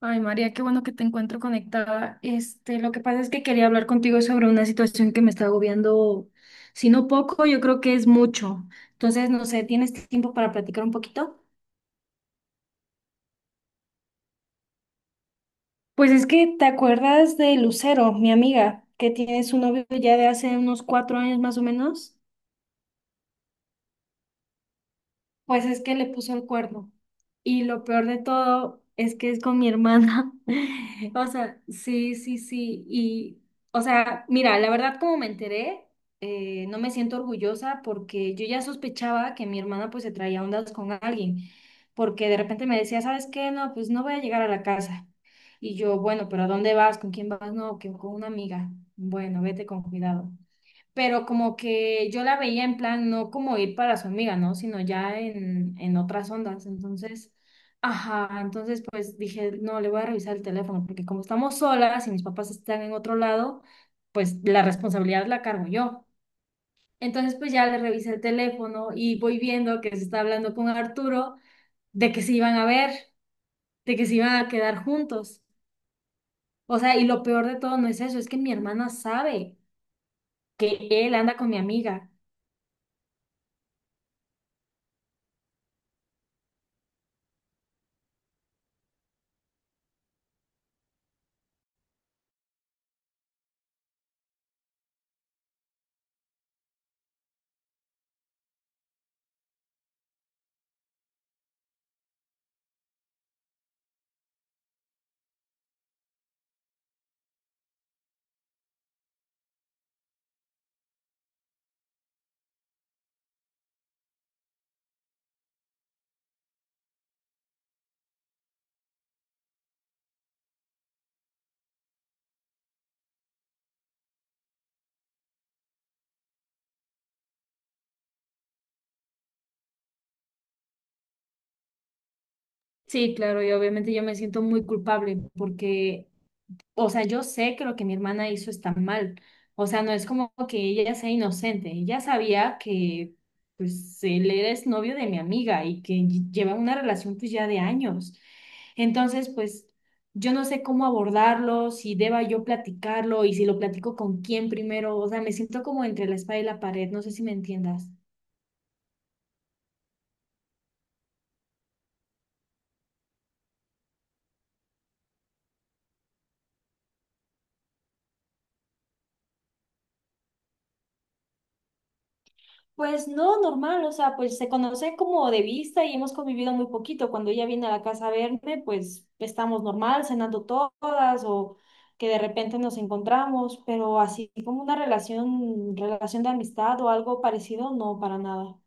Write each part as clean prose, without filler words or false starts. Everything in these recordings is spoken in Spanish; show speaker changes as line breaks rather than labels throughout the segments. Ay, María, qué bueno que te encuentro conectada. Lo que pasa es que quería hablar contigo sobre una situación que me está agobiando, si no poco, yo creo que es mucho. Entonces, no sé, ¿tienes tiempo para platicar un poquito? Pues es que te acuerdas de Lucero, mi amiga, que tiene su novio ya de hace unos 4 años más o menos. Pues es que le puso el cuerno. Y lo peor de todo es que es con mi hermana. O sea, sí, sí, sí. Y, o sea, mira, la verdad como me enteré, no me siento orgullosa porque yo ya sospechaba que mi hermana pues se traía ondas con alguien, porque de repente me decía, ¿sabes qué? No, pues no voy a llegar a la casa. Y yo, bueno, pero ¿a dónde vas? ¿Con quién vas? No, que con una amiga. Bueno, vete con cuidado, pero como que yo la veía en plan, no como ir para su amiga, ¿no? Sino ya en otras ondas. Entonces, ajá, entonces pues dije, no, le voy a revisar el teléfono, porque como estamos solas y mis papás están en otro lado, pues la responsabilidad la cargo yo. Entonces, pues ya le revisé el teléfono y voy viendo que se está hablando con Arturo de que se iban a ver, de que se iban a quedar juntos. O sea, y lo peor de todo no es eso, es que mi hermana sabe que él anda con mi amiga. Sí, claro, y obviamente yo me siento muy culpable porque, o sea, yo sé que lo que mi hermana hizo está mal. O sea, no es como que ella sea inocente. Ella sabía que, pues, él era exnovio de mi amiga y que lleva una relación, pues, ya de años. Entonces, pues, yo no sé cómo abordarlo, si deba yo platicarlo y si lo platico con quién primero. O sea, me siento como entre la espada y la pared. No sé si me entiendas. Pues no, normal, o sea, pues se conoce como de vista y hemos convivido muy poquito. Cuando ella viene a la casa a verme, pues estamos normal, cenando todas o que de repente nos encontramos, pero así como una relación, relación de amistad o algo parecido, no, para nada.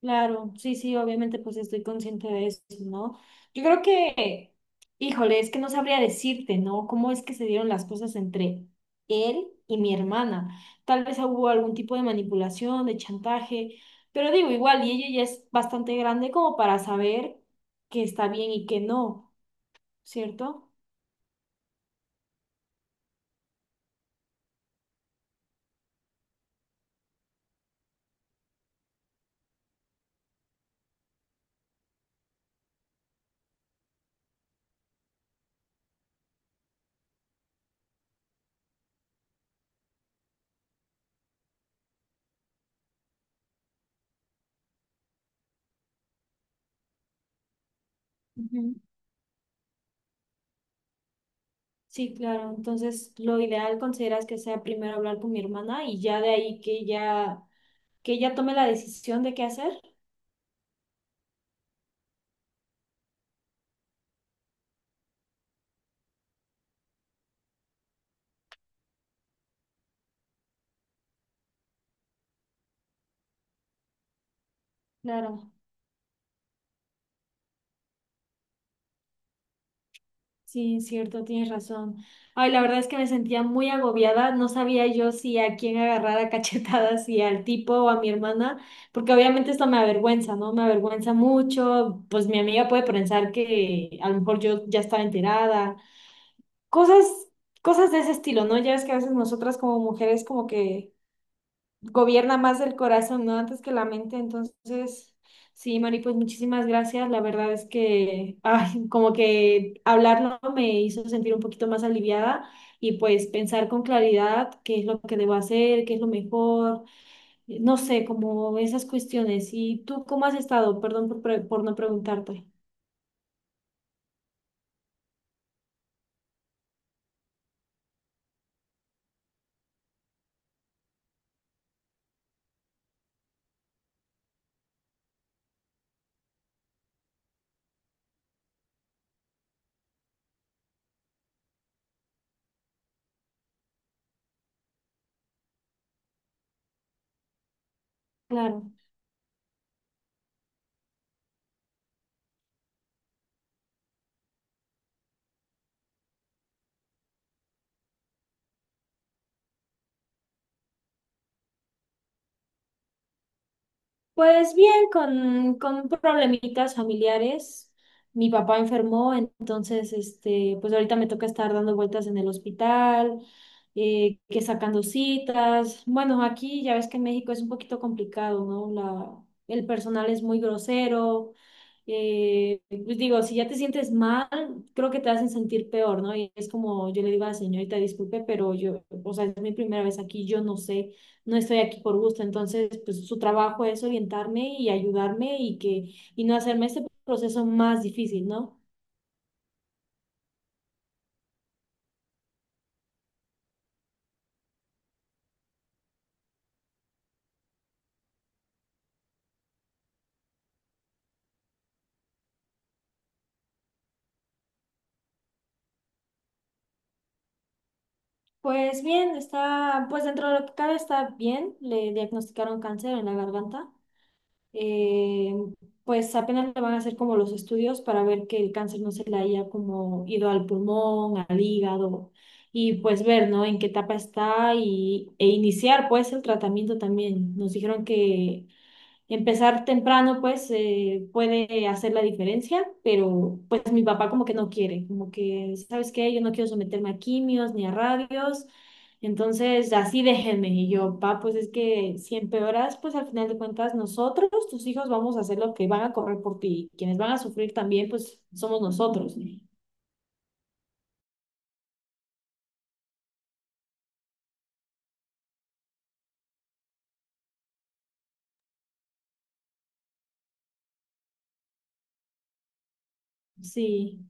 Claro, sí, sí, obviamente pues estoy consciente de eso, ¿no? Yo creo que, híjole, es que no sabría decirte, ¿no? ¿Cómo es que se dieron las cosas entre él y mi hermana? Tal vez hubo algún tipo de manipulación, de chantaje, pero digo, igual, y ella ya es bastante grande como para saber que está bien y que no, ¿cierto? Ujú. Sí, claro, entonces lo ideal consideras que sea primero hablar con mi hermana y ya de ahí que ella tome la decisión de qué hacer. Claro. Sí, cierto, tienes razón. Ay, la verdad es que me sentía muy agobiada. No sabía yo si a quién agarrar a cachetadas, si al tipo o a mi hermana, porque obviamente esto me avergüenza, ¿no? Me avergüenza mucho. Pues mi amiga puede pensar que a lo mejor yo ya estaba enterada. Cosas, cosas de ese estilo, ¿no? Ya ves que a veces nosotras como mujeres como que gobierna más el corazón, ¿no? Antes que la mente. Entonces, sí, Mari, pues muchísimas gracias. La verdad es que, ay, como que hablarlo me hizo sentir un poquito más aliviada y pues pensar con claridad qué es lo que debo hacer, qué es lo mejor, no sé, como esas cuestiones. ¿Y tú cómo has estado? Perdón por, por no preguntarte. Claro. Pues bien, con problemitas familiares. Mi papá enfermó, entonces, este, pues ahorita me toca estar dando vueltas en el hospital, que sacando citas. Bueno, aquí ya ves que en México es un poquito complicado, ¿no? La, el personal es muy grosero. Pues digo, si ya te sientes mal, creo que te hacen sentir peor, ¿no? Y es como yo le digo a la señorita, disculpe, pero yo, o sea, es mi primera vez aquí, yo no sé, no estoy aquí por gusto. Entonces, pues su trabajo es orientarme y ayudarme y que y no hacerme este proceso más difícil, ¿no? Pues bien, está, pues dentro de lo que cabe está bien. Le diagnosticaron cáncer en la garganta. Eh, pues apenas le van a hacer como los estudios para ver que el cáncer no se le haya como ido al pulmón, al hígado y pues ver, ¿no? En qué etapa está y, e iniciar pues el tratamiento también. Nos dijeron que empezar temprano, pues, puede hacer la diferencia, pero pues mi papá como que no quiere, como que, ¿sabes qué? Yo no quiero someterme a quimios ni a radios, entonces así déjenme. Y yo, papá, pues es que si empeoras, pues al final de cuentas nosotros, tus hijos, vamos a hacer lo que van a correr por ti. Quienes van a sufrir también, pues somos nosotros. Sí.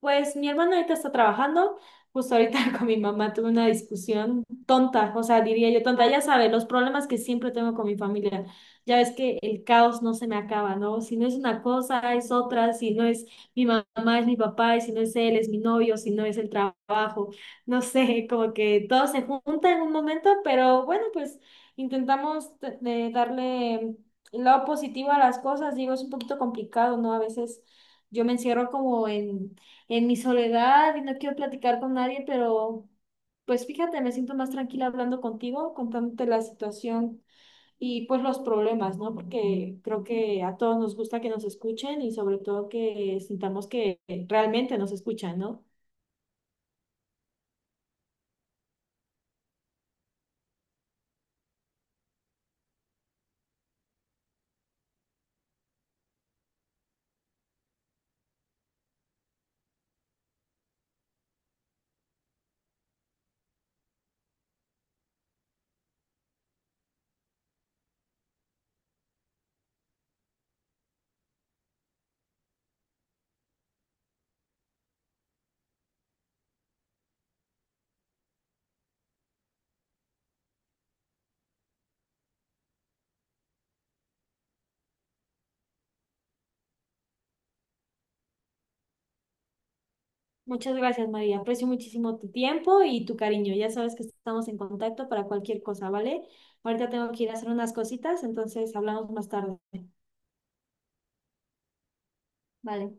Pues mi hermana ahorita está trabajando, justo ahorita con mi mamá tuve una discusión tonta, o sea, diría yo tonta, ya sabes, los problemas que siempre tengo con mi familia, ya ves que el caos no se me acaba, ¿no? Si no es una cosa, es otra, si no es mi mamá, es mi papá, y si no es él, es mi novio, si no es el trabajo, no sé, como que todo se junta en un momento, pero bueno, pues intentamos de darle lo positivo a las cosas, digo, es un poquito complicado, ¿no? A veces yo me encierro como en mi soledad y no quiero platicar con nadie, pero pues fíjate, me siento más tranquila hablando contigo, contándote la situación y pues los problemas, ¿no? Porque creo que a todos nos gusta que nos escuchen y sobre todo que sintamos que realmente nos escuchan, ¿no? Muchas gracias, María. Aprecio muchísimo tu tiempo y tu cariño. Ya sabes que estamos en contacto para cualquier cosa, ¿vale? Ahorita tengo que ir a hacer unas cositas, entonces hablamos más tarde. Vale.